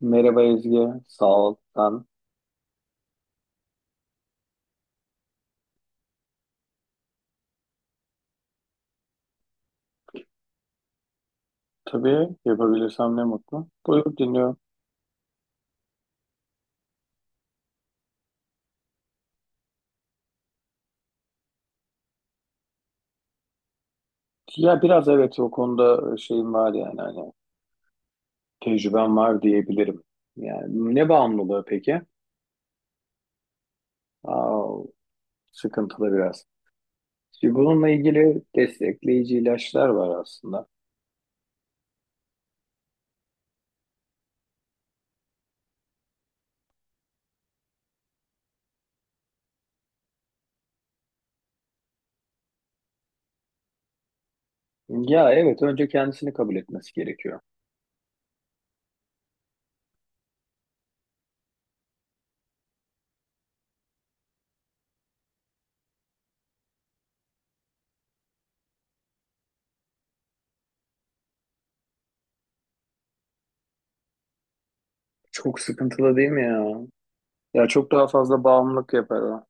Merhaba Ezgi, sağ ol. Ben tabii yapabilirsem ne mutlu. Buyur dinliyorum. Ya biraz evet o konuda şeyim var yani hani tecrübem var diyebilirim. Yani ne bağımlılığı peki? Aa, sıkıntılı biraz. Şimdi bununla ilgili destekleyici ilaçlar var aslında. Ya evet, önce kendisini kabul etmesi gerekiyor. Çok sıkıntılı değil mi ya? Ya çok daha fazla bağımlılık yapar o.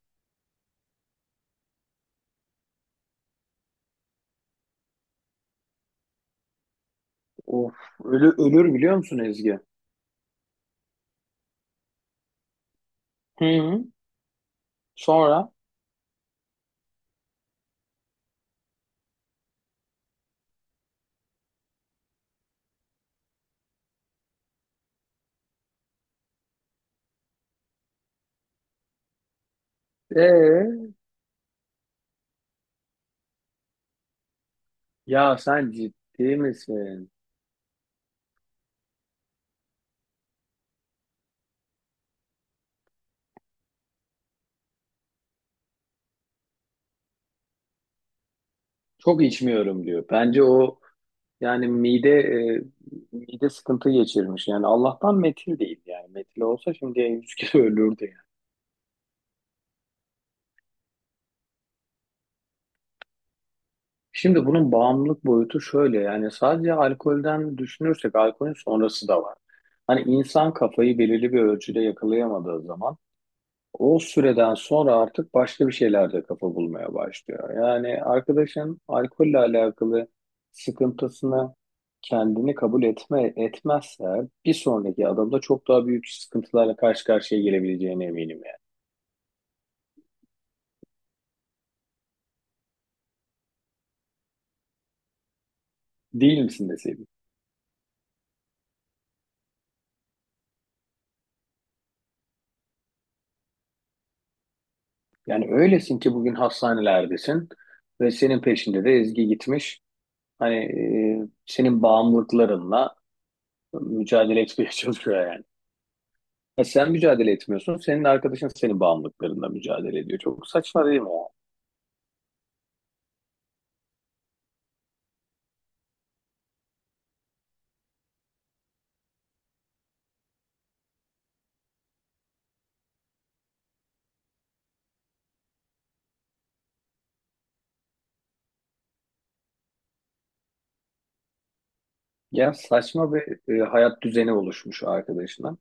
Of, ölür biliyor musun Ezgi? Hı hı. Sonra? Ee? Ya sen ciddi misin? Çok içmiyorum diyor. Bence o yani mide sıkıntı geçirmiş. Yani Allah'tan metil değil yani. Metil olsa şimdiye 100 kilo ölürdü yani. Şimdi bunun bağımlılık boyutu şöyle yani sadece alkolden düşünürsek alkolün sonrası da var. Hani insan kafayı belirli bir ölçüde yakalayamadığı zaman o süreden sonra artık başka bir şeylerde kafa bulmaya başlıyor. Yani arkadaşın alkolle alakalı sıkıntısını kendini kabul etmezse bir sonraki adımda çok daha büyük sıkıntılarla karşı karşıya gelebileceğine eminim yani. Değil misin deseydim. Yani öylesin ki bugün hastanelerdesin ve senin peşinde de Ezgi gitmiş. Hani senin bağımlılıklarınla mücadele etmeye çalışıyor yani. Ya sen mücadele etmiyorsun. Senin arkadaşın senin bağımlılıklarında mücadele ediyor. Çok saçma değil mi ya? Ya saçma bir hayat düzeni oluşmuş arkadaşına.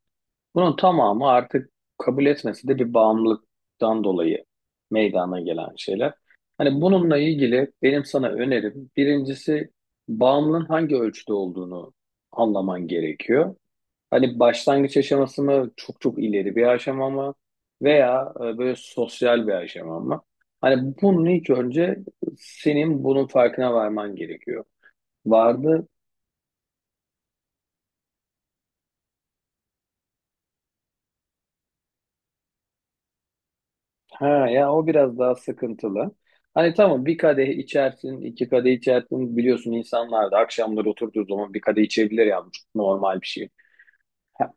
Bunun tamamı artık kabul etmesi de bir bağımlılıktan dolayı meydana gelen şeyler. Hani bununla ilgili benim sana önerim birincisi bağımlılığın hangi ölçüde olduğunu anlaman gerekiyor. Hani başlangıç aşaması mı, çok çok ileri bir aşama mı, veya böyle sosyal bir aşama mı? Hani bunun ilk önce senin bunun farkına varman gerekiyor. Vardı. Ha ya, o biraz daha sıkıntılı. Hani tamam bir kadeh içersin, iki kadeh içersin. Biliyorsun insanlar da akşamları oturduğu zaman bir kadeh içebilir ya, bu çok normal bir şey. Ha,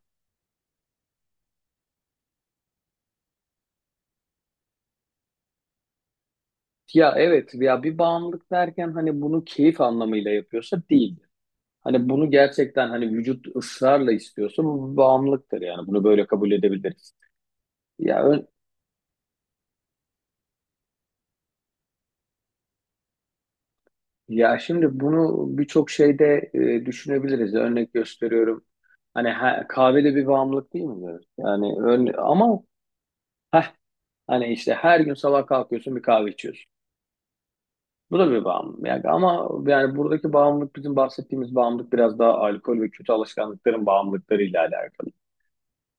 ya evet ya, bir bağımlılık derken hani bunu keyif anlamıyla yapıyorsa değil. Hani bunu gerçekten hani vücut ısrarla istiyorsa bu bir bağımlılıktır yani. Bunu böyle kabul edebiliriz. Ya ön- Ya şimdi bunu birçok şeyde düşünebiliriz. Örnek gösteriyorum. Hani ha, kahve de bir bağımlılık değil mi? Evet. Yani ön, ama heh, hani işte her gün sabah kalkıyorsun, bir kahve içiyorsun. Bu da bir bağımlılık. Yani ama yani buradaki bağımlılık, bizim bahsettiğimiz bağımlılık, biraz daha alkol ve kötü alışkanlıkların bağımlılıklarıyla alakalı.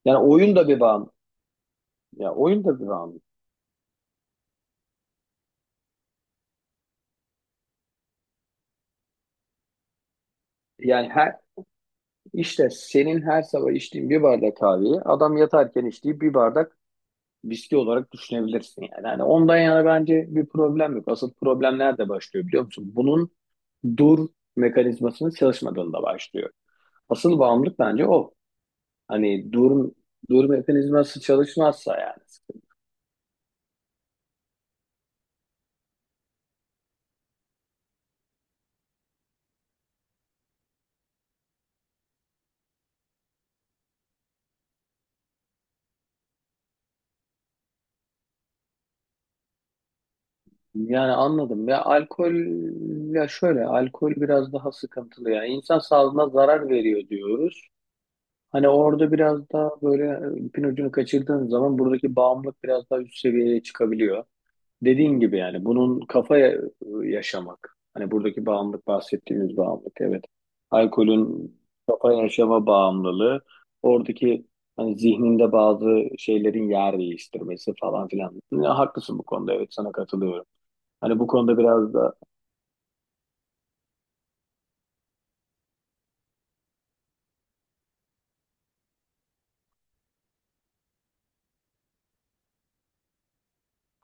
Yani oyun da bir bağımlılık. Ya oyun da bir bağımlılık. Yani her, İşte senin her sabah içtiğin bir bardak kahveyi adam yatarken içtiği bir bardak viski olarak düşünebilirsin yani. Yani ondan yana bence bir problem yok. Asıl problem nerede başlıyor biliyor musun? Bunun dur mekanizmasının çalışmadığında başlıyor. Asıl bağımlılık bence o. Hani dur mekanizması çalışmazsa yani. Yani anladım ya, alkol ya şöyle, alkol biraz daha sıkıntılı ya. İnsan sağlığına zarar veriyor diyoruz. Hani orada biraz daha böyle ipin ucunu kaçırdığın zaman buradaki bağımlılık biraz daha üst seviyeye çıkabiliyor. Dediğin gibi yani bunun kafaya yaşamak. Hani buradaki bağımlılık, bahsettiğimiz bağımlılık evet. Alkolün kafa yaşama bağımlılığı. Oradaki hani zihninde bazı şeylerin yer değiştirmesi falan filan. Ya, haklısın bu konuda, evet sana katılıyorum. Hani bu konuda biraz da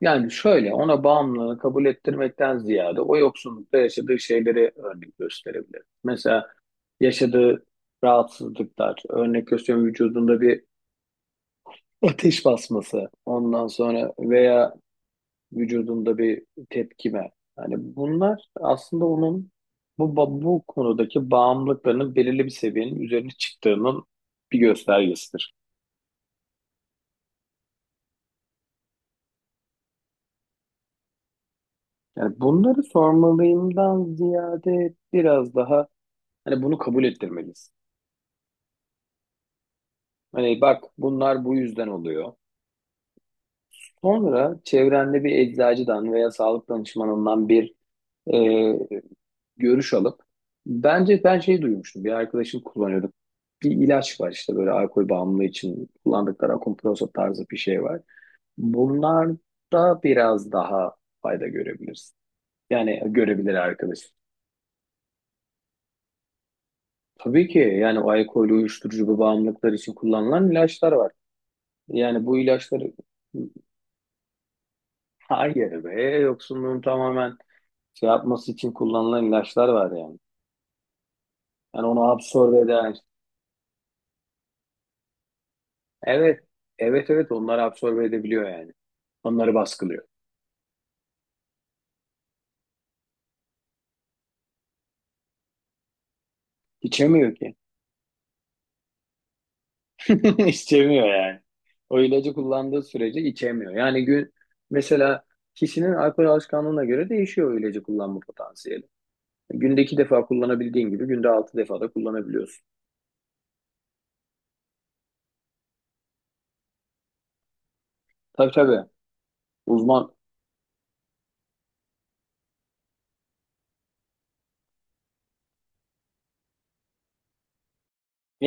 yani şöyle, ona bağımlılığı kabul ettirmekten ziyade o yoksunlukta yaşadığı şeyleri örnek gösterebilir. Mesela yaşadığı rahatsızlıklar, örnek gösteriyorum, vücudunda bir ateş basması, ondan sonra veya vücudunda bir tepkime. Yani bunlar aslında onun bu konudaki bağımlılıklarının belirli bir seviyenin üzerine çıktığının bir göstergesidir. Yani bunları sormalıyımdan ziyade biraz daha hani bunu kabul ettirmeliyiz. Hani bak, bunlar bu yüzden oluyor. Sonra çevrende bir eczacıdan veya sağlık danışmanından bir e, görüş alıp bence, ben şey duymuştum. Bir arkadaşım kullanıyordu. Bir ilaç var işte böyle alkol bağımlılığı için kullandıkları, Akomproso tarzı bir şey var. Bunlar da biraz daha fayda görebiliriz. Yani görebilir arkadaşım. Tabii ki yani o alkol, uyuşturucu, bu bağımlılıklar için kullanılan ilaçlar var. Yani bu ilaçları hayır be, yoksunluğun tamamen şey yapması için kullanılan ilaçlar var yani. Yani onu absorbe eder. Evet. Evet evet, onlar absorbe edebiliyor yani. Onları baskılıyor. İçemiyor ki. İçemiyor yani. O ilacı kullandığı sürece içemiyor. Yani gün mesela, kişinin alkol alışkanlığına göre değişiyor o ilacı kullanma potansiyeli. Günde iki defa kullanabildiğin gibi günde altı defa da kullanabiliyorsun. Tabii tabii. Uzman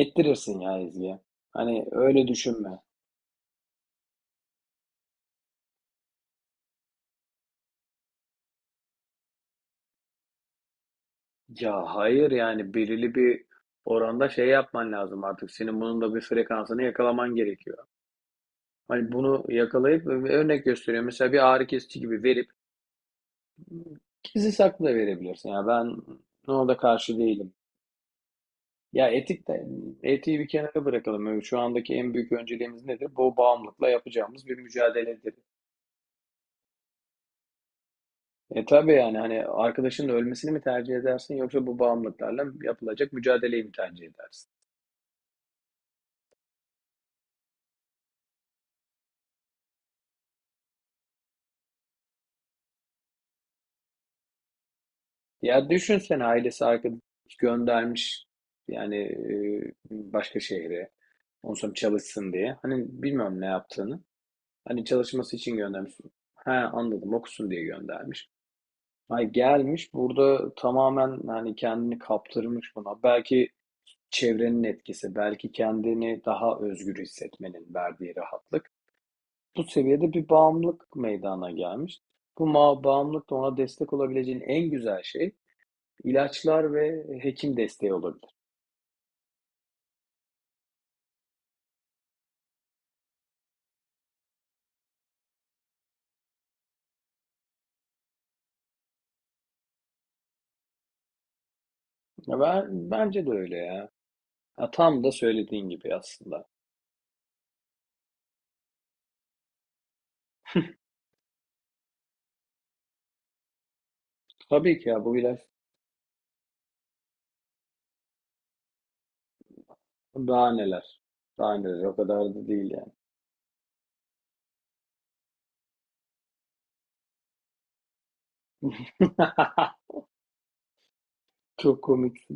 ettirirsin ya izleye. Hani öyle düşünme. Ya hayır, yani belirli bir oranda şey yapman lazım artık. Senin bunun da bir frekansını yakalaman gerekiyor. Hani bunu yakalayıp örnek gösteriyorum. Mesela bir ağrı kesici gibi verip gizli saklı da verebilirsin. Ya ben ona da karşı değilim. Ya etik de, etiği bir kenara bırakalım. Şu andaki en büyük önceliğimiz nedir? Bu bağımlılıkla yapacağımız bir mücadeledir. E tabii yani, hani arkadaşının ölmesini mi tercih edersin yoksa bu bağımlılıklarla yapılacak mücadeleyi mi tercih edersin? Ya düşünsene, ailesi arkadaş göndermiş yani başka şehre. Ondan sonra çalışsın diye. Hani bilmiyorum ne yaptığını. Hani çalışması için göndermiş. He anladım, okusun diye göndermiş. Ay gelmiş burada tamamen hani kendini kaptırmış buna. Belki çevrenin etkisi, belki kendini daha özgür hissetmenin verdiği rahatlık. Bu seviyede bir bağımlılık meydana gelmiş. Bağımlılık da ona destek olabileceğin en güzel şey, İlaçlar ve hekim desteği olabilir. Ya ben, bence de öyle ya. Ya tam da söylediğin gibi aslında. Tabii ki ya bu ilaç, daha neler. Daha neler, o kadar da değil yani. Çok komik.